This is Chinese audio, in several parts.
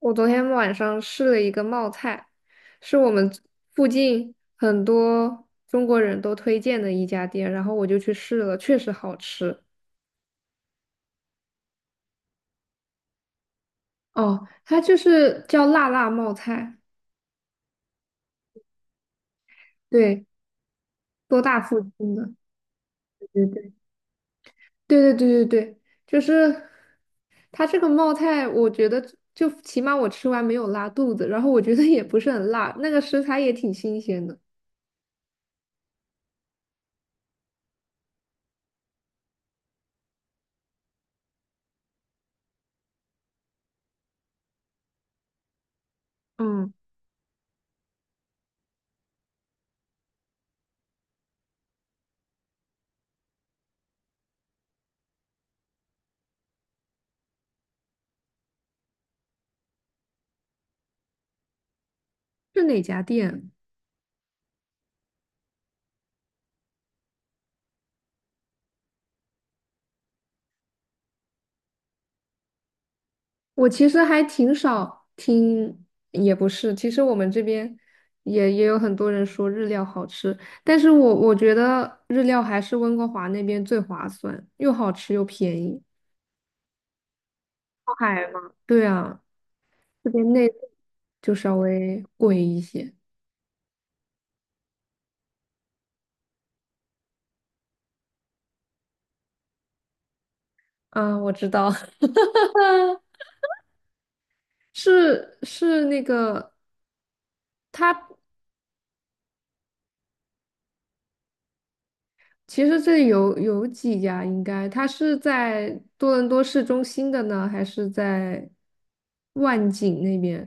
我昨天晚上试了一个冒菜，是我们附近很多中国人都推荐的一家店，然后我就去试了，确实好吃。哦，它就是叫辣辣冒菜，对，多大附近的，对对对对对对对，就是它这个冒菜，我觉得就起码我吃完没有拉肚子，然后我觉得也不是很辣，那个食材也挺新鲜的。嗯，是哪家店？我其实还挺少听，也不是，其实我们这边也有很多人说日料好吃，但是我觉得日料还是温哥华那边最划算，又好吃又便宜。靠海嘛。对啊，这边内陆就稍微贵一些。啊，我知道，是是那个。他。其实这里有几家，应该它是在多伦多市中心的呢，还是在万景那边？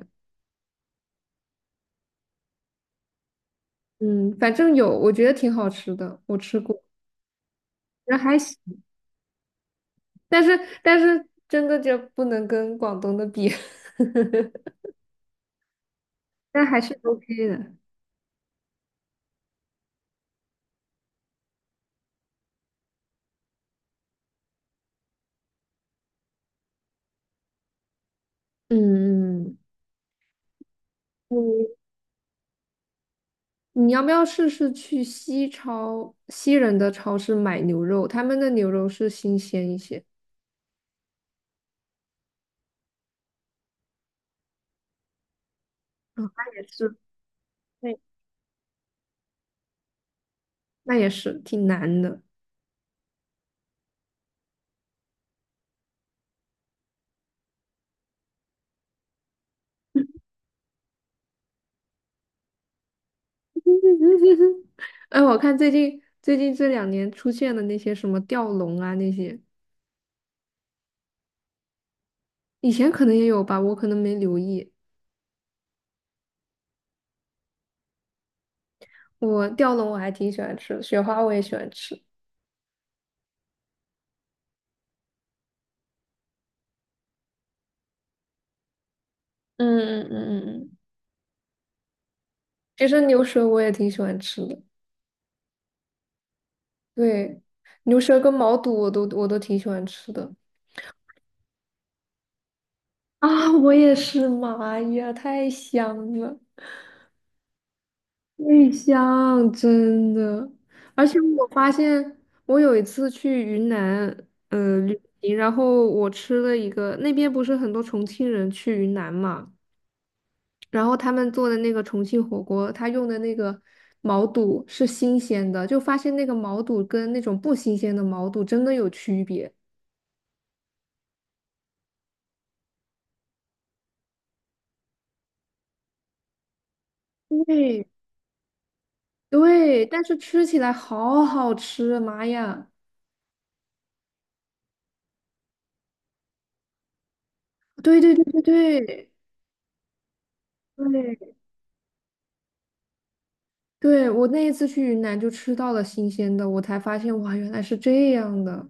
嗯，反正有，我觉得挺好吃的，我吃过，那还行，但是但是真的就不能跟广东的比，但还是 OK 的。嗯嗯，你你要不要试试去西超西人的超市买牛肉？他们的牛肉是新鲜一些。哦，那也是，那那也是挺难的。嗯哼哼，哎，我看最近这两年出现的那些什么吊龙啊那些，以前可能也有吧，我可能没留意。我吊龙我还挺喜欢吃的，雪花我也喜欢吃，嗯嗯嗯嗯嗯，其实牛舌我也挺喜欢吃的。对，牛舌跟毛肚我都挺喜欢吃的。啊，我也是，妈呀，太香了！最香，真的。而且我发现，我有一次去云南，旅行，然后我吃了一个，那边不是很多重庆人去云南嘛，然后他们做的那个重庆火锅，他用的那个毛肚是新鲜的，就发现那个毛肚跟那种不新鲜的毛肚真的有区别。对对，但是吃起来好好吃，妈呀！对对对对对。对对，我那一次去云南就吃到了新鲜的，我才发现哇，原来是这样的。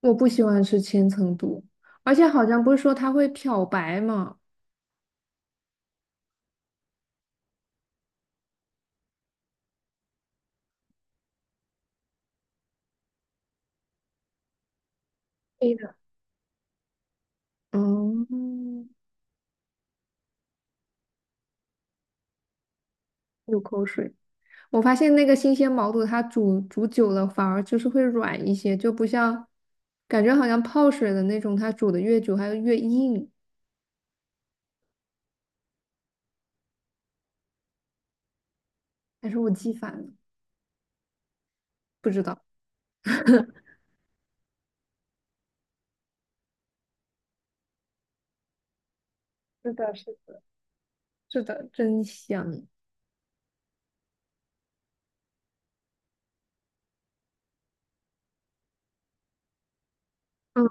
我不喜欢吃千层肚，而且好像不是说它会漂白嘛？对的。嗯，流口水。我发现那个新鲜毛肚，它煮久了反而就是会软一些，就不像感觉好像泡水的那种，它煮的越久还会越硬。还是我记反了，不知道。是的，是的。是的，真香。嗯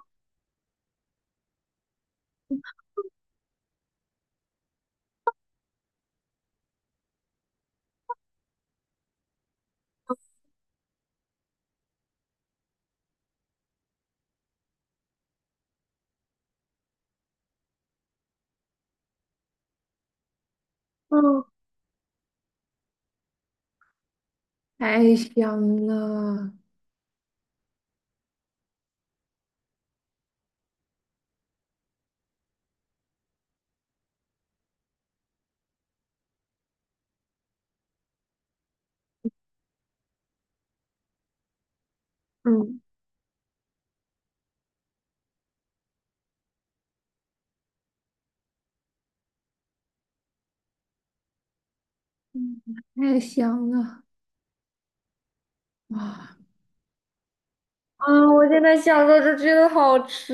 嗯，太香了。嗯。嗯，太香了，哇！啊，我现在想着就觉得好吃。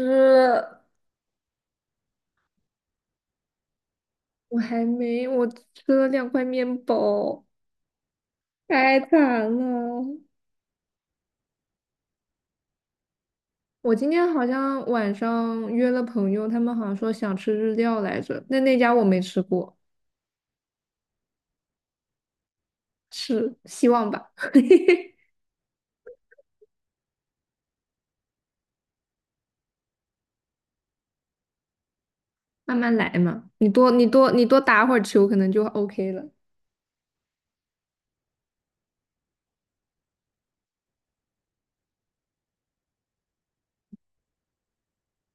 我还没，我吃了两块面包，太惨了。我今天好像晚上约了朋友，他们好像说想吃日料来着，那那家我没吃过，是希望吧，慢慢来嘛。你多打会儿球，可能就 OK 了。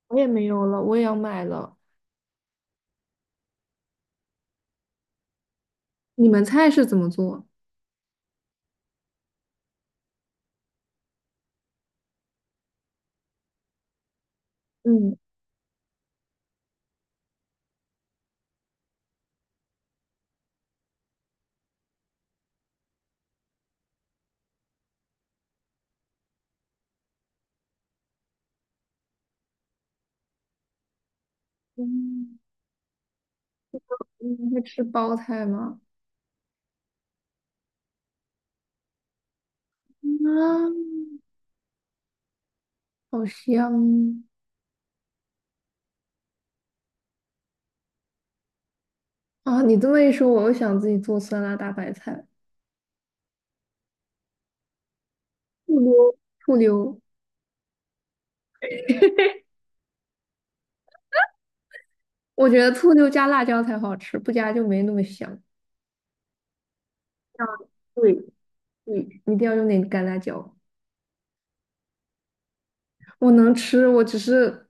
我也没有了，我也要买了。你们菜是怎么做？嗯嗯，你们会吃包菜吗？啊，好香啊！你这么一说，我又想自己做酸辣大白菜了。醋溜，醋溜，我觉得醋溜加辣椒才好吃，不加就没那么香。对对，一定要用点干辣椒。我能吃，我只是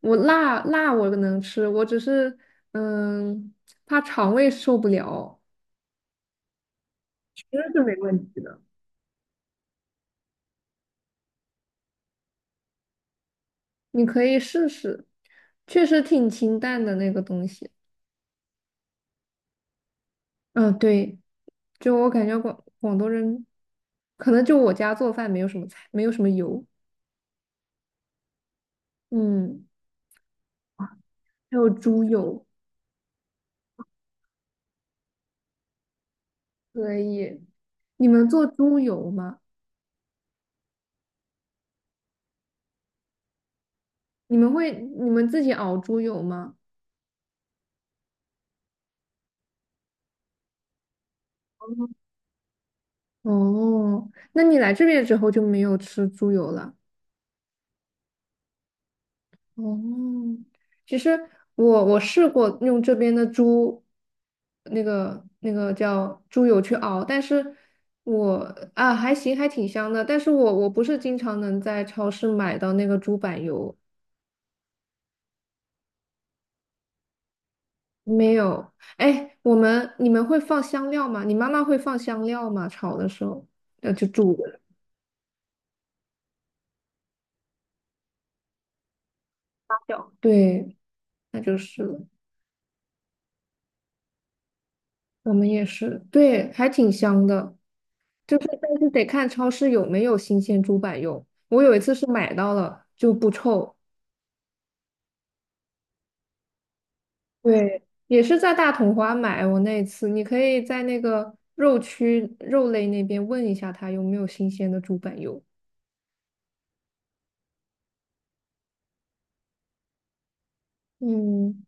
我辣辣我能吃，我只是嗯怕肠胃受不了。其是没问题的。你可以试试，确实挺清淡的那个东西。嗯，对，就我感觉广广东人，可能就我家做饭没有什么菜，没有什么油，嗯，还有猪油。可以。你们做猪油吗？你们会你们自己熬猪油吗？哦，那你来这边之后就没有吃猪油了。哦，其实我试过用这边的猪，那个叫猪油去熬，但是我啊还行，还挺香的。但是我不是经常能在超市买到那个猪板油，没有。哎，我们你们会放香料吗？你妈妈会放香料吗？炒的时候，那就煮的。辣椒对，那就是了。我们也是，对，还挺香的。就是但是得看超市有没有新鲜猪板油。我有一次是买到了就不臭，对，也是在大统华买。我那一次，你可以在那个肉区肉类那边问一下他有没有新鲜的猪板油。嗯，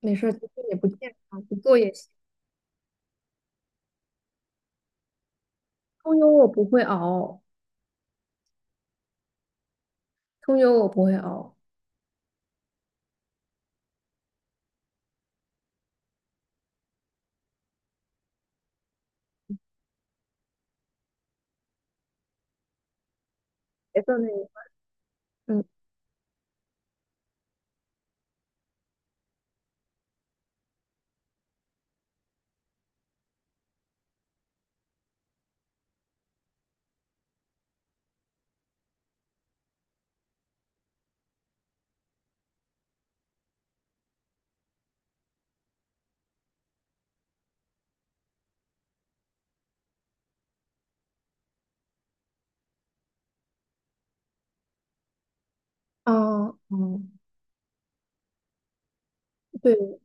没事儿，其实也不健康，不做也行。葱油我不会熬，葱油我不会熬。别的那个，嗯，哦，哦，对，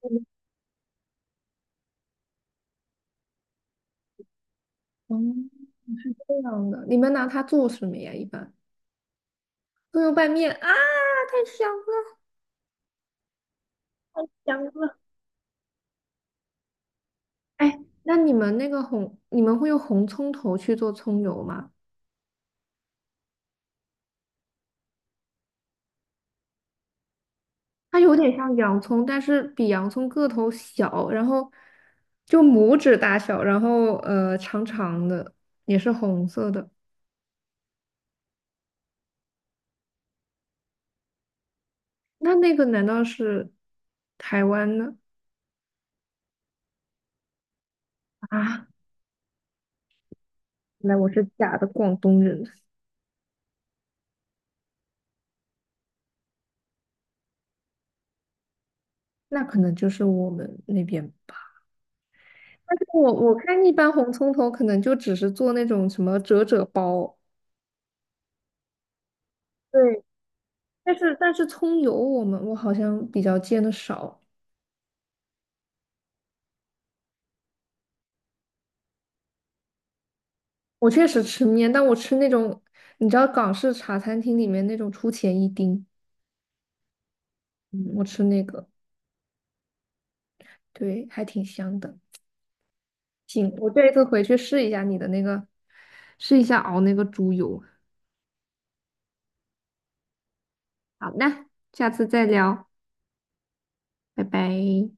嗯，嗯这样的，你们拿它做什么呀？一般葱油拌面啊，太香了，香了。哎，那你们那个红，你们会用红葱头去做葱油吗？它有点像洋葱，但是比洋葱个头小，然后就拇指大小，然后长长的，也是红色的。那那个难道是台湾的？啊？那我是假的广东人，那可能就是我们那边吧。但是我我看一般红葱头可能就只是做那种什么折折包。对，但是但是葱油我们我好像比较见的少，我确实吃面，但我吃那种你知道港式茶餐厅里面那种出前一丁，嗯，我吃那个，对，还挺香的。行，我这一次回去试一下你的那个，试一下熬那个猪油。好的，下次再聊，拜拜。